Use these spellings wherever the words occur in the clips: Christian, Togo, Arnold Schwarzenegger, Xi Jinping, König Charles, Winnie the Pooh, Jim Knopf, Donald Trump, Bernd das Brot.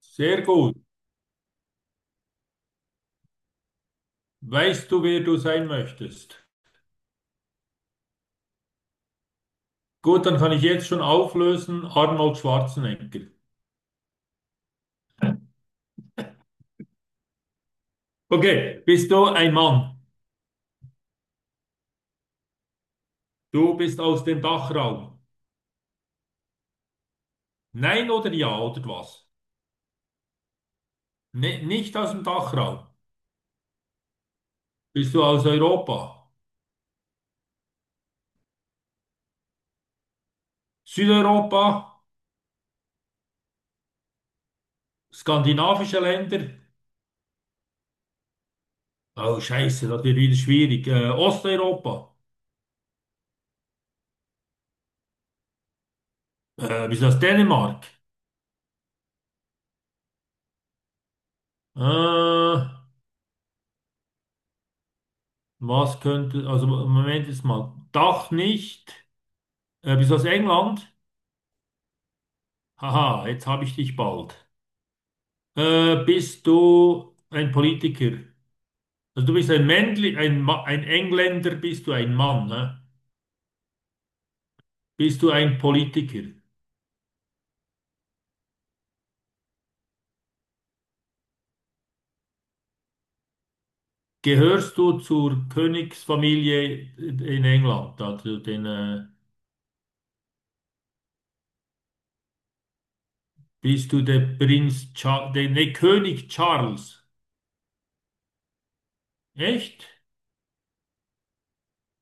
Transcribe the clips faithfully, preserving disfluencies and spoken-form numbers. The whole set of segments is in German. Sehr gut. Weißt du, wer du sein möchtest? Gut, dann kann ich jetzt schon auflösen. Arnold Schwarzenegger. Okay, bist du ein Mann? Du bist aus dem Dachraum. Nein oder ja oder was? Ne, nicht aus dem Dachraum. Bist du aus Europa? Südeuropa? Skandinavische Länder? Oh, Scheiße, das wird wieder schwierig. Äh, Osteuropa? Äh, bist du aus Dänemark? Äh, was könnte, also Moment jetzt mal. Dach nicht. Äh, bist du aus England? Haha, jetzt habe ich dich bald. Äh, bist du ein Politiker? Also du bist ein Männli, ein, Ma ein Engländer, bist du ein Mann, ne? Bist du ein Politiker? Gehörst du zur Königsfamilie in England? Also den, äh, bist du der Prinz Charles, der, nee, König Charles? Echt?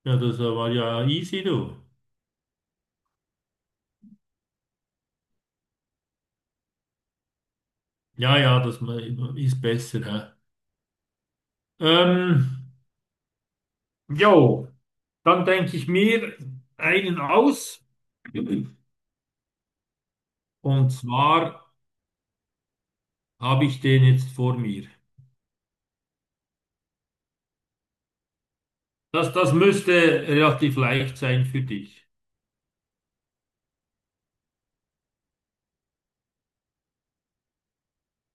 Ja, das war ja easy, du. Ja, ja, das ma- ist besser, hä? Ähm, jo. Dann denke ich mir einen aus. Und zwar habe ich den jetzt vor mir. Das, das müsste relativ leicht sein für dich.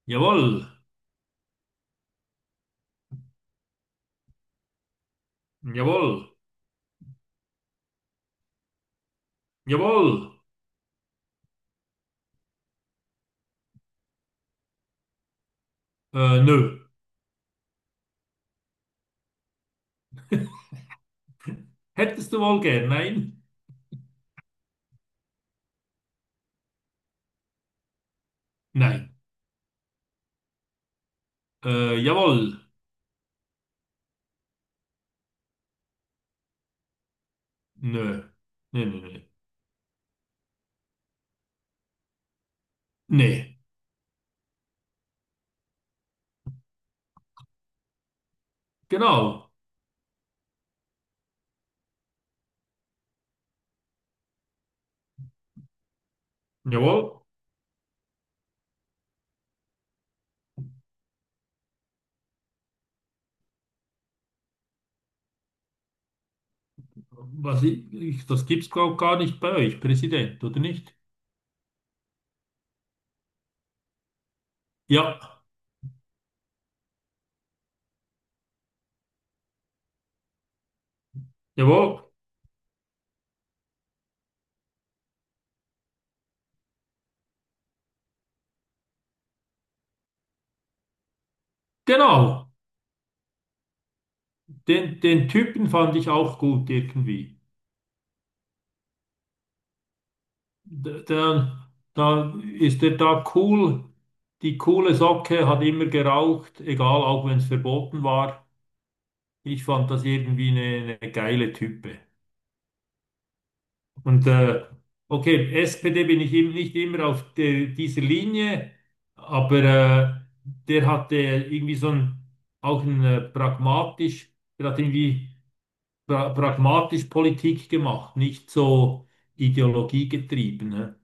Jawohl, jawohl, jawohl. Äh, nö. Hättest du wohl gern? Nein? Nein. Äh, jawohl. Nö. Nö, nö, nö. Nee. Genau. Jawohl. Was ich, ich, das gibt's glaub gar nicht bei euch, Präsident, oder nicht? Ja. Jawohl. Genau. Den, den Typen fand ich auch gut irgendwie. D- Der, da ist er da cool, die coole Socke, hat immer geraucht, egal, auch wenn es verboten war. Ich fand das irgendwie eine, eine geile Type. Und äh, okay, S P D bin ich eben nicht immer auf der, dieser Linie, aber äh, der hatte irgendwie so ein, auch ein äh, pragmatisch, der hat irgendwie pra pragmatisch Politik gemacht, nicht so ideologiegetrieben. Ne?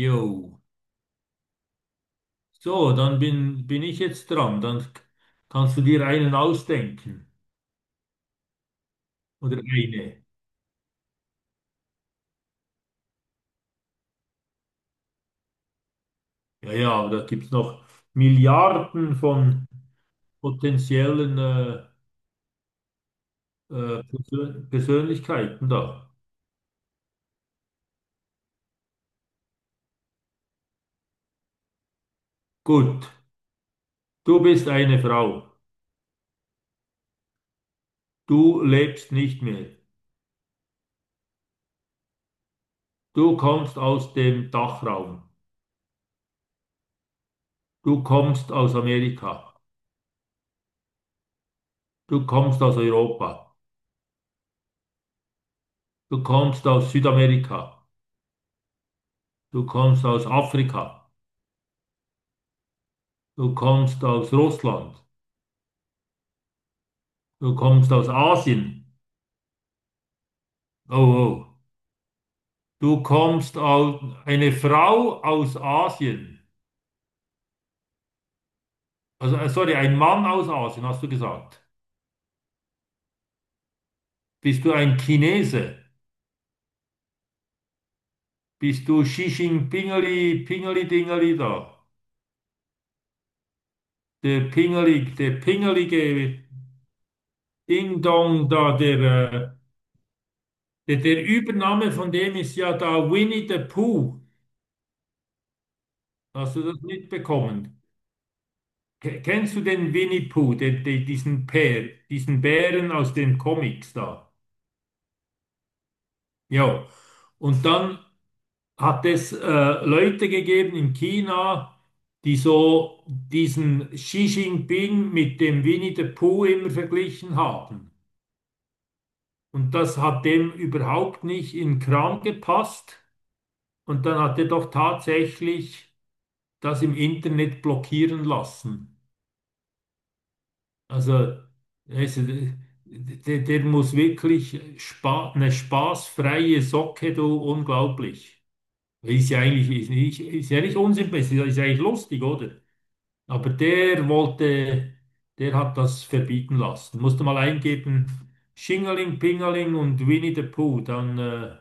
Jo. So, dann bin, bin ich jetzt dran. Dann k- kannst du dir einen ausdenken. Oder eine. Ja, ja, aber da gibt es noch Milliarden von potenziellen äh, äh, Persön Persönlichkeiten da. Gut, du bist eine Frau. Du lebst nicht mehr. Du kommst aus dem Dachraum. Du kommst aus Amerika. Du kommst aus Europa, du kommst aus Südamerika, du kommst aus Afrika, du kommst aus Russland, du kommst aus Asien. Oh, oh. Du kommst aus eine Frau aus Asien. Also, äh, sorry, ein Mann aus Asien, hast du gesagt. Bist du ein Chinese? Bist du Xi Jinpingeli, Pingeli Dingeli da? Der Pingeli, der Pingelige Ding Dong da, der, äh, der, der Übername von dem ist ja da Winnie the Pooh. Hast du das mitbekommen? Ke- Kennst du den Winnie Pooh, den, den, diesen Bär, diesen Bären aus den Comics da? Ja. Und dann hat es äh, Leute gegeben in China, die so diesen Xi Jinping mit dem Winnie the Pooh immer verglichen haben. Und das hat dem überhaupt nicht in den Kram gepasst. Und dann hat er doch tatsächlich das im Internet blockieren lassen. Also, es, der, der muss wirklich spa eine spaßfreie Socke, du, unglaublich. Ist ja eigentlich ist nicht, ist ja nicht unsympathisch, ist ja eigentlich lustig, oder? Aber der wollte, der hat das verbieten lassen. Musste mal eingeben, Schingeling, Pingeling und Winnie the Pooh. Dann, äh,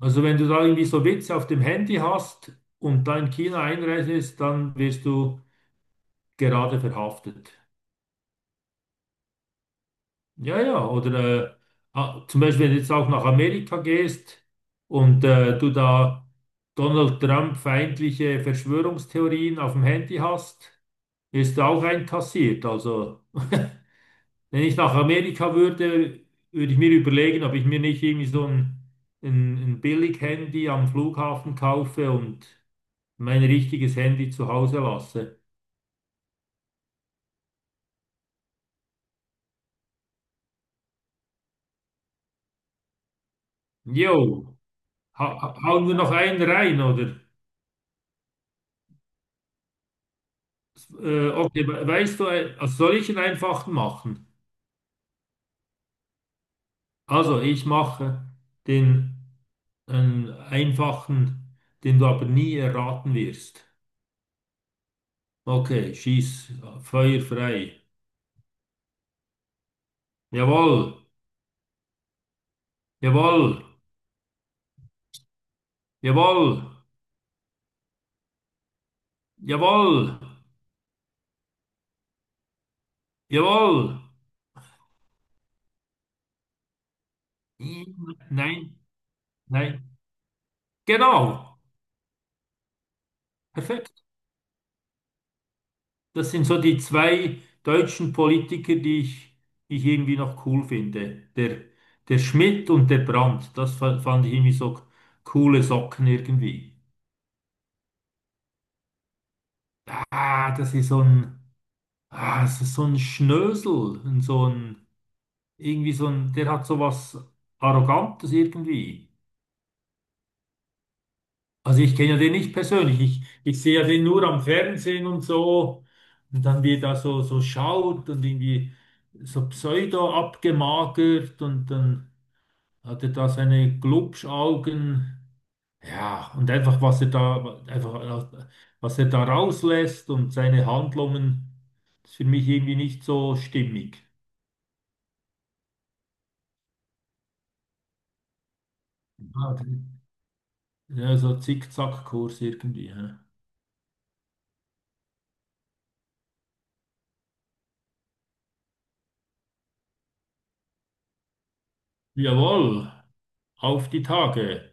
also wenn du da irgendwie so Witze auf dem Handy hast und da in China einreist, dann wirst du gerade verhaftet. Ja, ja, oder äh, ah, zum Beispiel, wenn du jetzt auch nach Amerika gehst und äh, du da Donald Trump feindliche Verschwörungstheorien auf dem Handy hast, ist du auch einkassiert. Also, wenn ich nach Amerika würde, würde ich mir überlegen, ob ich mir nicht irgendwie so ein, ein, ein Billig-Handy am Flughafen kaufe und mein richtiges Handy zu Hause lasse. Jo, ha ha- hauen wir noch einen rein, oder? Äh, okay, we- weißt du, äh, also soll ich einen einfachen machen? Also ich mache den einen einfachen, den du aber nie erraten wirst. Okay, schieß, Feuer frei. Jawohl, jawohl, jawohl, jawohl, jawohl. Nein, nein, nein. Genau, perfekt. Das sind so die zwei deutschen Politiker, die ich, die ich irgendwie noch cool finde. Der, der Schmidt und der Brandt. Das fa- fand ich irgendwie so coole Socken irgendwie. Ah, das ist so ein, ah, das ist so ein Schnösel. Und so ein, irgendwie so ein, der hat so was Arrogantes irgendwie. Also ich kenne ja den nicht persönlich. Ich, ich sehe ja den nur am Fernsehen und so. Und dann wie er da so, so schaut und irgendwie so pseudo abgemagert und dann hat er da seine Glubschaugen, ja, und einfach was er da, einfach, was er da rauslässt und seine Handlungen, ist für mich irgendwie nicht so stimmig. Ah, okay. Ja, so Zickzackkurs irgendwie. Hä? Jawohl, auf die Tage.